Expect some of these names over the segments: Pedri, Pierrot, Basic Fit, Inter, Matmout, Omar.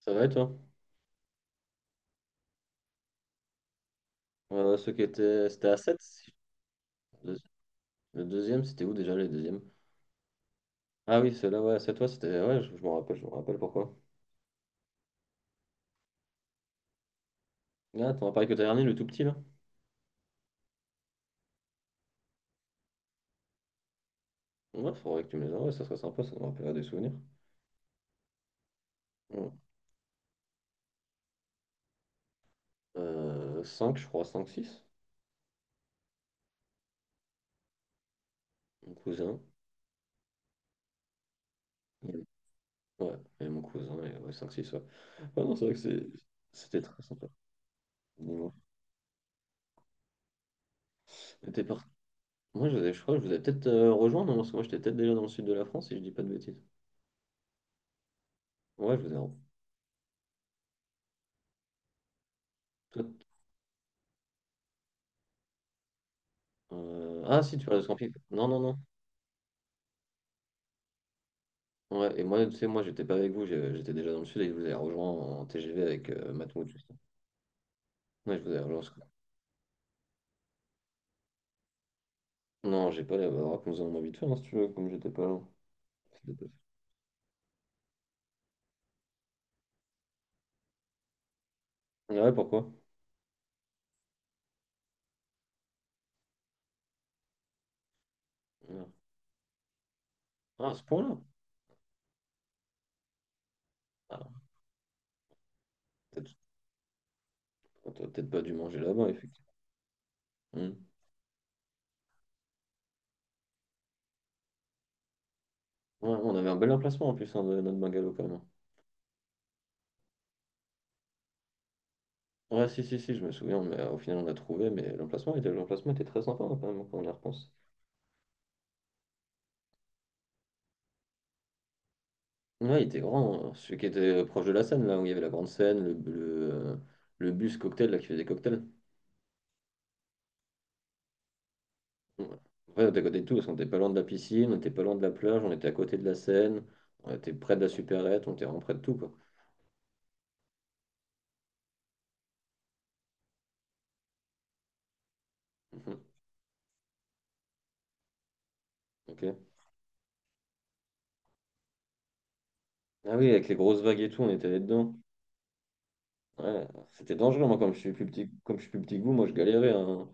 Ça va et toi? Ceux qui étaient... C'était à 7. Le deuxième, c'était où déjà le deuxième? Ah oui, c'est là, ouais, c'est toi, c'était... Ouais, je m'en rappelle, je me rappelle pourquoi. Ah, t'en as parlé que t'as dernier, le tout petit, là? Ouais, faudrait que tu me les envoies, ça serait sympa, ça me rappellera des souvenirs. Ouais. 5, je crois, 5 six. Mon cousin. Ouais, ouais, et mon cousin, et ouais, 5, 6, ouais. Ouais, non, c'est vrai que c'est... C'était très sympa. Dis-moi. Mais t'es parti- Moi, je, vous ai- je crois que je vous ai peut-être rejoint, non? Parce que moi, j'étais peut-être déjà dans le sud de la France, si je dis pas de bêtises. Ouais, je vous ai... re- Ah si, tu parles de ce camping. Non, non, non. Ouais, et moi, tu sais, moi, j'étais pas avec vous, j'étais déjà dans le sud et je vous ai rejoint en TGV avec Matmout, justement. Ouais, je vous ai rejoint. Ce Non, j'ai pas la bah, raconte-en envie de faire, hein, si tu veux, comme j'étais pas là. C'était pas- Ah ouais, pourquoi? Ouais. Ah, à ce point-là. Ah, peut-être t'as peut-être pas dû manger là-bas, effectivement. Hmm. Ouais, on avait un bel emplacement en plus, hein, de notre bungalow, quand même. Ouais, si, si, si, je me souviens, mais au final, on a trouvé, mais l'emplacement était très sympa, hein, quand même, quand on y repense. Ouais, il était grand, hein. Celui qui était proche de la scène, là où il y avait la grande scène, le bus cocktail là, qui faisait cocktail. Ouais. Après, on était à côté de tout, parce qu'on était pas loin de la piscine, on était pas loin de la plage, on était à côté de la Seine, on était près de la supérette, on était vraiment près de tout, quoi. Mhm. Ok. Ah oui, avec les grosses vagues et tout, on était là-dedans. Ouais, c'était dangereux, moi, comme je suis plus petit que vous, moi, je galérais, hein.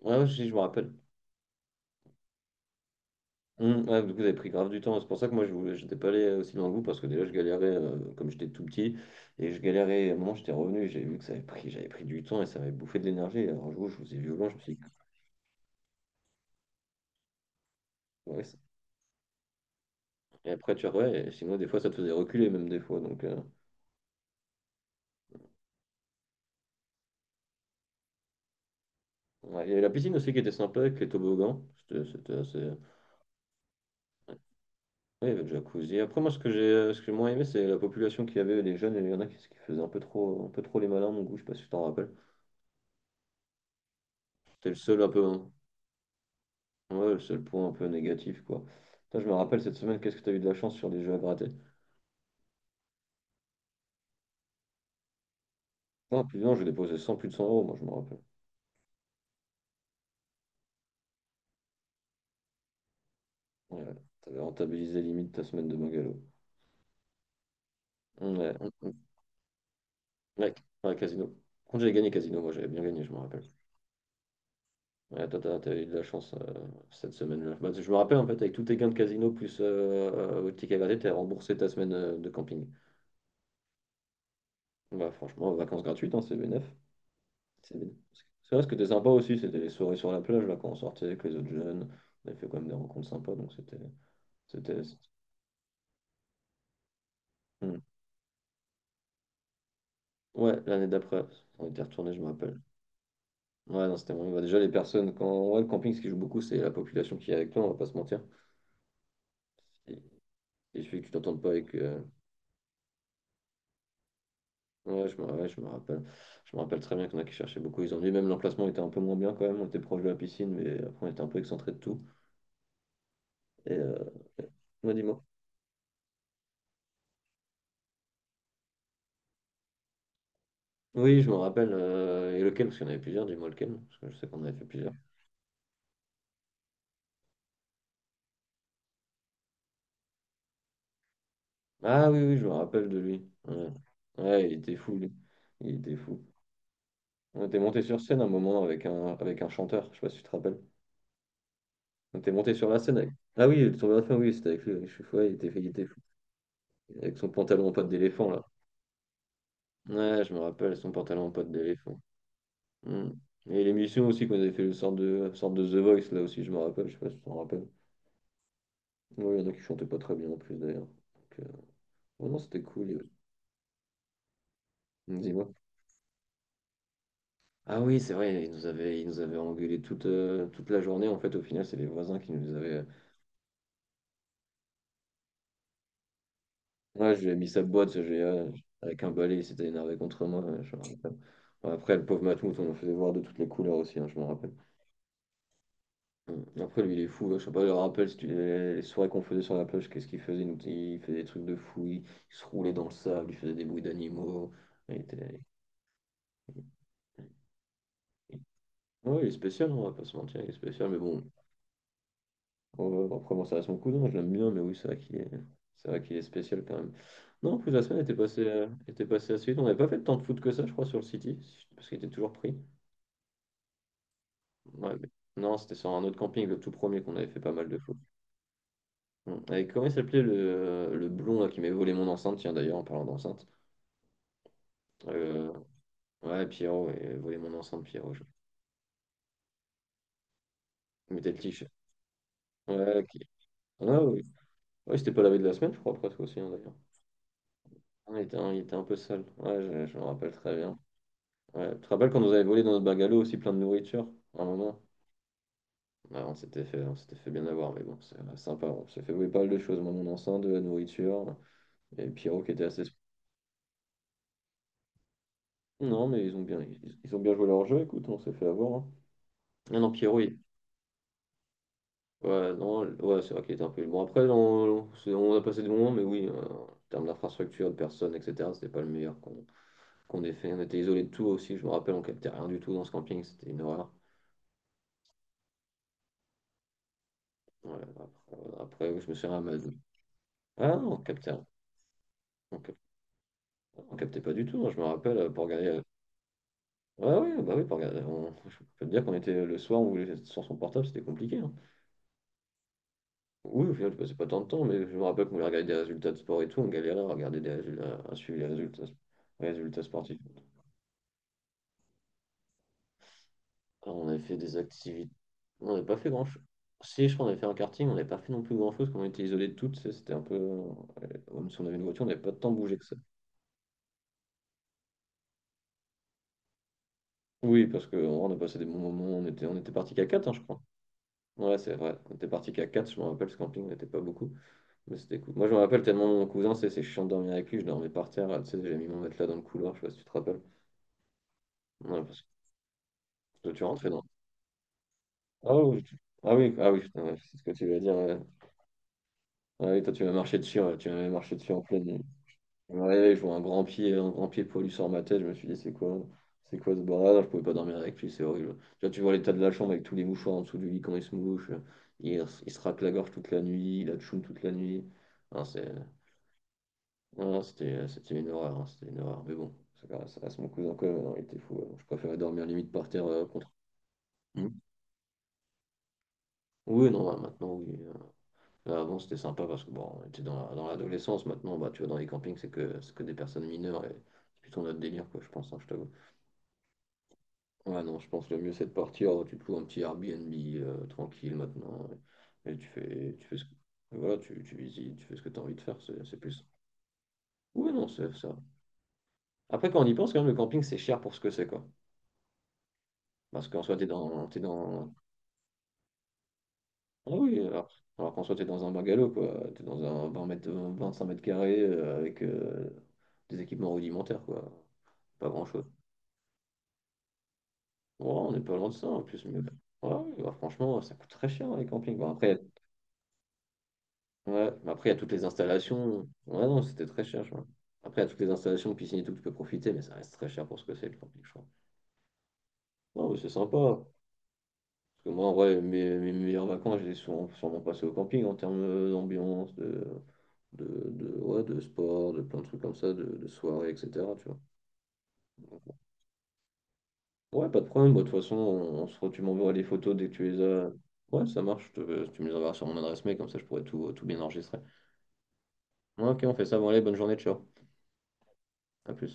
Ouais, ouais, si, je me rappelle. Ouais, du coup, vous avez pris grave du temps. C'est pour ça que moi, je voulais, j'étais pas allé aussi loin que vous parce que déjà, je galérais comme j'étais tout petit et je galérais. À un moment, j'étais revenu et j'avais vu que ça avait pris, j'avais pris du temps et ça m'avait bouffé de l'énergie. Et alors, je vous ai vu loin, je me suis dit. Ouais, ça- et après, tu Ouais, et sinon, des fois, ça te faisait reculer, même des fois. Donc, ouais. Il y avait la piscine aussi qui était sympa avec les toboggans. C'était assez. Ouais, il y avait le jacuzzi. Après, moi, ce que j'ai moins aimé, c'est la population qu'il y avait, les jeunes. Il y en a qui faisaient un peu trop les malins, à mon goût, je sais pas si tu t'en rappelles. C'était le seul un peu, hein. Ouais, le seul point un peu négatif, quoi. Putain, je me rappelle cette semaine, qu'est-ce que t'as eu de la chance sur les jeux à gratter? Non, plus non, j'ai déposé 100, plus de 100 euros, moi, je me rappelle. Ouais, t'avais rentabilisé limite ta semaine de bungalow. Ouais, ouais, ouais, ouais, casino. Quand j'avais gagné casino, moi, j'avais bien gagné, je me rappelle. Ouais, toi, t'avais eu de la chance cette semaine-là. Bah, je me rappelle, en fait, avec tous tes gains de casino plus au ticket à gratter, t'as remboursé ta semaine de camping. Bah, franchement, vacances gratuites, hein, c'est bénef. C'est c'est vrai, ce qui était sympa aussi, c'était les soirées sur la plage, là, quand on sortait avec les autres jeunes. On avait fait quand même des rencontres sympas, donc c'était. C'était... Hmm. Ouais, l'année d'après, on était retourné, je me rappelle. Ouais, non, c'était vraiment. Bah, déjà, les personnes, quand. Ouais, le camping, ce qui joue beaucoup, c'est la population qui est avec toi, on va pas se mentir. Il il suffit que tu t'entendes pas avec. Ouais, je me rappelle. Je me rappelle très bien qu'il y en a qui cherchaient beaucoup. Ils ont dit, même l'emplacement était un peu moins bien quand même. On était proche de la piscine, mais après, on était un peu excentré de tout. Et. euh, Ouais, dis-moi. Oui, je me rappelle. Et lequel? Parce qu'il y en avait plusieurs, dis-moi lequel. Parce que je sais qu'on avait fait plusieurs. Ah oui, oui, je me rappelle de lui. Ouais, ouais, il était fou, lui. Il était fou. On était monté sur scène un moment avec un, chanteur, je sais pas si tu te rappelles. On était monté sur la scène avec. Ah oui, le tour de la fin, oui, c'était avec lui. Oui, je suis fou, ouais, il était fou. Avec son pantalon en pote d'éléphant, là. Ouais, je me rappelle, son pantalon en pote d'éléphant. Hmm. Et l'émission aussi, qu'on avait fait le sorte de The Voice, là aussi, je me rappelle. Je sais pas si tu t'en rappelles. Oui, il y en a qui chantaient pas très bien en plus, d'ailleurs. Donc, oh non, c'était cool. Dis-moi. Ah oui, c'est vrai, ils nous avaient engueulés toute la journée. En fait, au final, c'est les voisins qui nous avaient. Ouais, je lui ai mis sa boîte, je lui avec un balai, il s'était énervé contre moi, ouais, je me rappelle. Bon, après, le pauvre Matmout, on le faisait voir de toutes les couleurs aussi, hein, je me rappelle. Mm. Après, lui, il est fou, hein, je sais pas, je me rappelle si tu- les soirées qu'on faisait sur la plage, qu'est-ce qu'il faisait? Il faisait des trucs de fou, il se roulait dans le sable, il faisait des bruits d'animaux. Il était... il- il- Ouais, il est spécial, on va pas se mentir, il est spécial, mais bon, oh, oh, après, bon, ça reste mon cousin, je l'aime bien, mais oui, c'est vrai qu'il est... C'est vrai qu'il est spécial quand même. Non, en plus, la semaine était passée assez vite. On n'avait pas fait tant de foot que ça, je crois, sur le City, si parce qu'il était toujours pris. Ouais, non, c'était sur un autre camping, le tout premier, qu'on avait fait pas mal de foot. Hum. Et comment il s'appelait le blond là, qui m'avait volé mon enceinte, tiens, d'ailleurs, en parlant d'enceinte. Euh, Ouais, Pierrot, et volé mon enceinte, Pierrot. Je... il mettait le t-shirt. Ouais, ok. Ah, oui. Ouais, c'était pas la veille de la semaine, je crois, après presque aussi, hein, d'ailleurs. Ah, il était un peu sale. Ouais, je me rappelle très bien. Ouais, tu te rappelles quand nous avait volé dans notre bungalow aussi plein de nourriture, à un moment? Ah, on s'était fait bien avoir, mais bon, c'est sympa, on s'est fait voler pas mal de choses, moi, mon enceinte, de la nourriture, et Pierrot qui était assez... Non, mais ils ont bien joué leur jeu, écoute, on s'est fait avoir, hein. Ah non, Pierrot, ouais, non, ouais, c'est vrai qu'il était un peu... Bon, après, on a passé des moments, mais oui, en termes d'infrastructure, de personnes, etc., c'était pas le meilleur qu'on ait fait. On était isolés de tout aussi, je me rappelle, on captait rien du tout dans ce camping, c'était une horreur. Ouais, après, après, je me suis ramassé. Ah non, capté. On cap- on captait pas du tout, hein, je me rappelle, pour regarder. Ouais, ouais, bah oui, pour regarder. Je peux te dire qu'on était le soir, on voulait être sur son portable, c'était compliqué, hein. Oui, au final, je passais pas tant de temps, mais je me rappelle qu'on voulait regarder des résultats de sport et tout, on galérait à regarder des résultats, à suivre les résultats sportifs. Ah, on avait fait des activités. On n'avait pas fait grand-chose. Si, je crois qu'on avait fait un karting, on n'avait pas fait non plus grand-chose, quand on était isolés de toutes, tu sais, c'était un peu. Même si on avait une voiture, on n'avait pas tant bougé que ça. Oui, parce qu'on on a passé des bons moments, on était parti qu'à 4, je crois. Ouais, c'est vrai. On était parti qu'à 4, je me rappelle, ce camping n'était pas beaucoup. Mais c'était cool. Moi, je me rappelle tellement mon cousin, c'est chiant de dormir avec lui. Je dormais par terre, là, tu sais, j'ai mis mon matelas dans le couloir, je sais pas si tu te rappelles. Ouais, parce que tu rentrais dans. Ah oui, tu- ah oui, ah oui, putain, ouais, c'est ce que tu vas dire, ouais. Ah oui, toi, tu m'as marché dessus, ouais, tu m'avais marché dessus en pleine nuit. Je me réveille, je vois un grand pied poilu sur ma tête. Je me suis dit, c'est quoi ce bordel? Non, je pouvais pas dormir avec lui, c'est horrible. Tu vois l'état de la chambre avec tous les mouchoirs en dessous du lit quand il se mouche. Il se racle la gorge toute la nuit, il a tchoum toute la nuit. Non, c'est non, non, c'était une horreur, hein, c'était une horreur. Mais bon, ça reste mon cousin quand même, hein, il était fou, hein. Je préférais dormir limite par terre contre. Mm. Oui, non, bah, maintenant, oui. Là, avant, c'était sympa parce que bon, on était dans l'adolescence. Maintenant, bah, tu vois, dans les campings, c'est que des personnes mineures et c'est plutôt notre délire, quoi, je pense, hein, je t'avoue. Ouais, non, je pense que le mieux, c'est de partir. Tu te loues un petit Airbnb tranquille maintenant et tu fais, ce que. Voilà, tu visites, tu fais ce que tu as envie de faire, c'est plus. Oui, non, c'est ça. Après, quand on y pense, quand même, le camping, c'est cher pour ce que c'est, quoi. Parce qu'en soi, t'es dans... Ah oui, alors qu'en soi, t'es dans un bungalow, quoi. T'es dans un 20 mètres, 25 mètres carrés avec des équipements rudimentaires, quoi. Pas grand-chose. Ouais, on n'est pas loin de ça, en plus. Mais... Ouais, ouais, ouais, franchement, ça coûte très cher, les campings. Bon, après, ouais, mais après, il y a toutes les installations. Ouais, non, c'était très cher, je crois. Après, il y a toutes les installations, piscine et tout, tu peux profiter, mais ça reste très cher pour ce que c'est, le camping, je crois. Non, mais c'est sympa. Parce que moi, en vrai, mes meilleures vacances, je les ai souvent, sûrement passées au camping en termes d'ambiance, de, ouais, de sport, de plein de trucs comme ça, de soirée, etc. Tu vois. Ouais, pas de problème. Bah, de toute façon, tu m'enverras les photos dès que tu les as. Ouais, ça marche. Tu me les enverras sur mon adresse mail, comme ça je pourrais tout bien enregistrer. Ouais, ok, on fait ça. Bon, allez, bonne journée, ciao. À plus.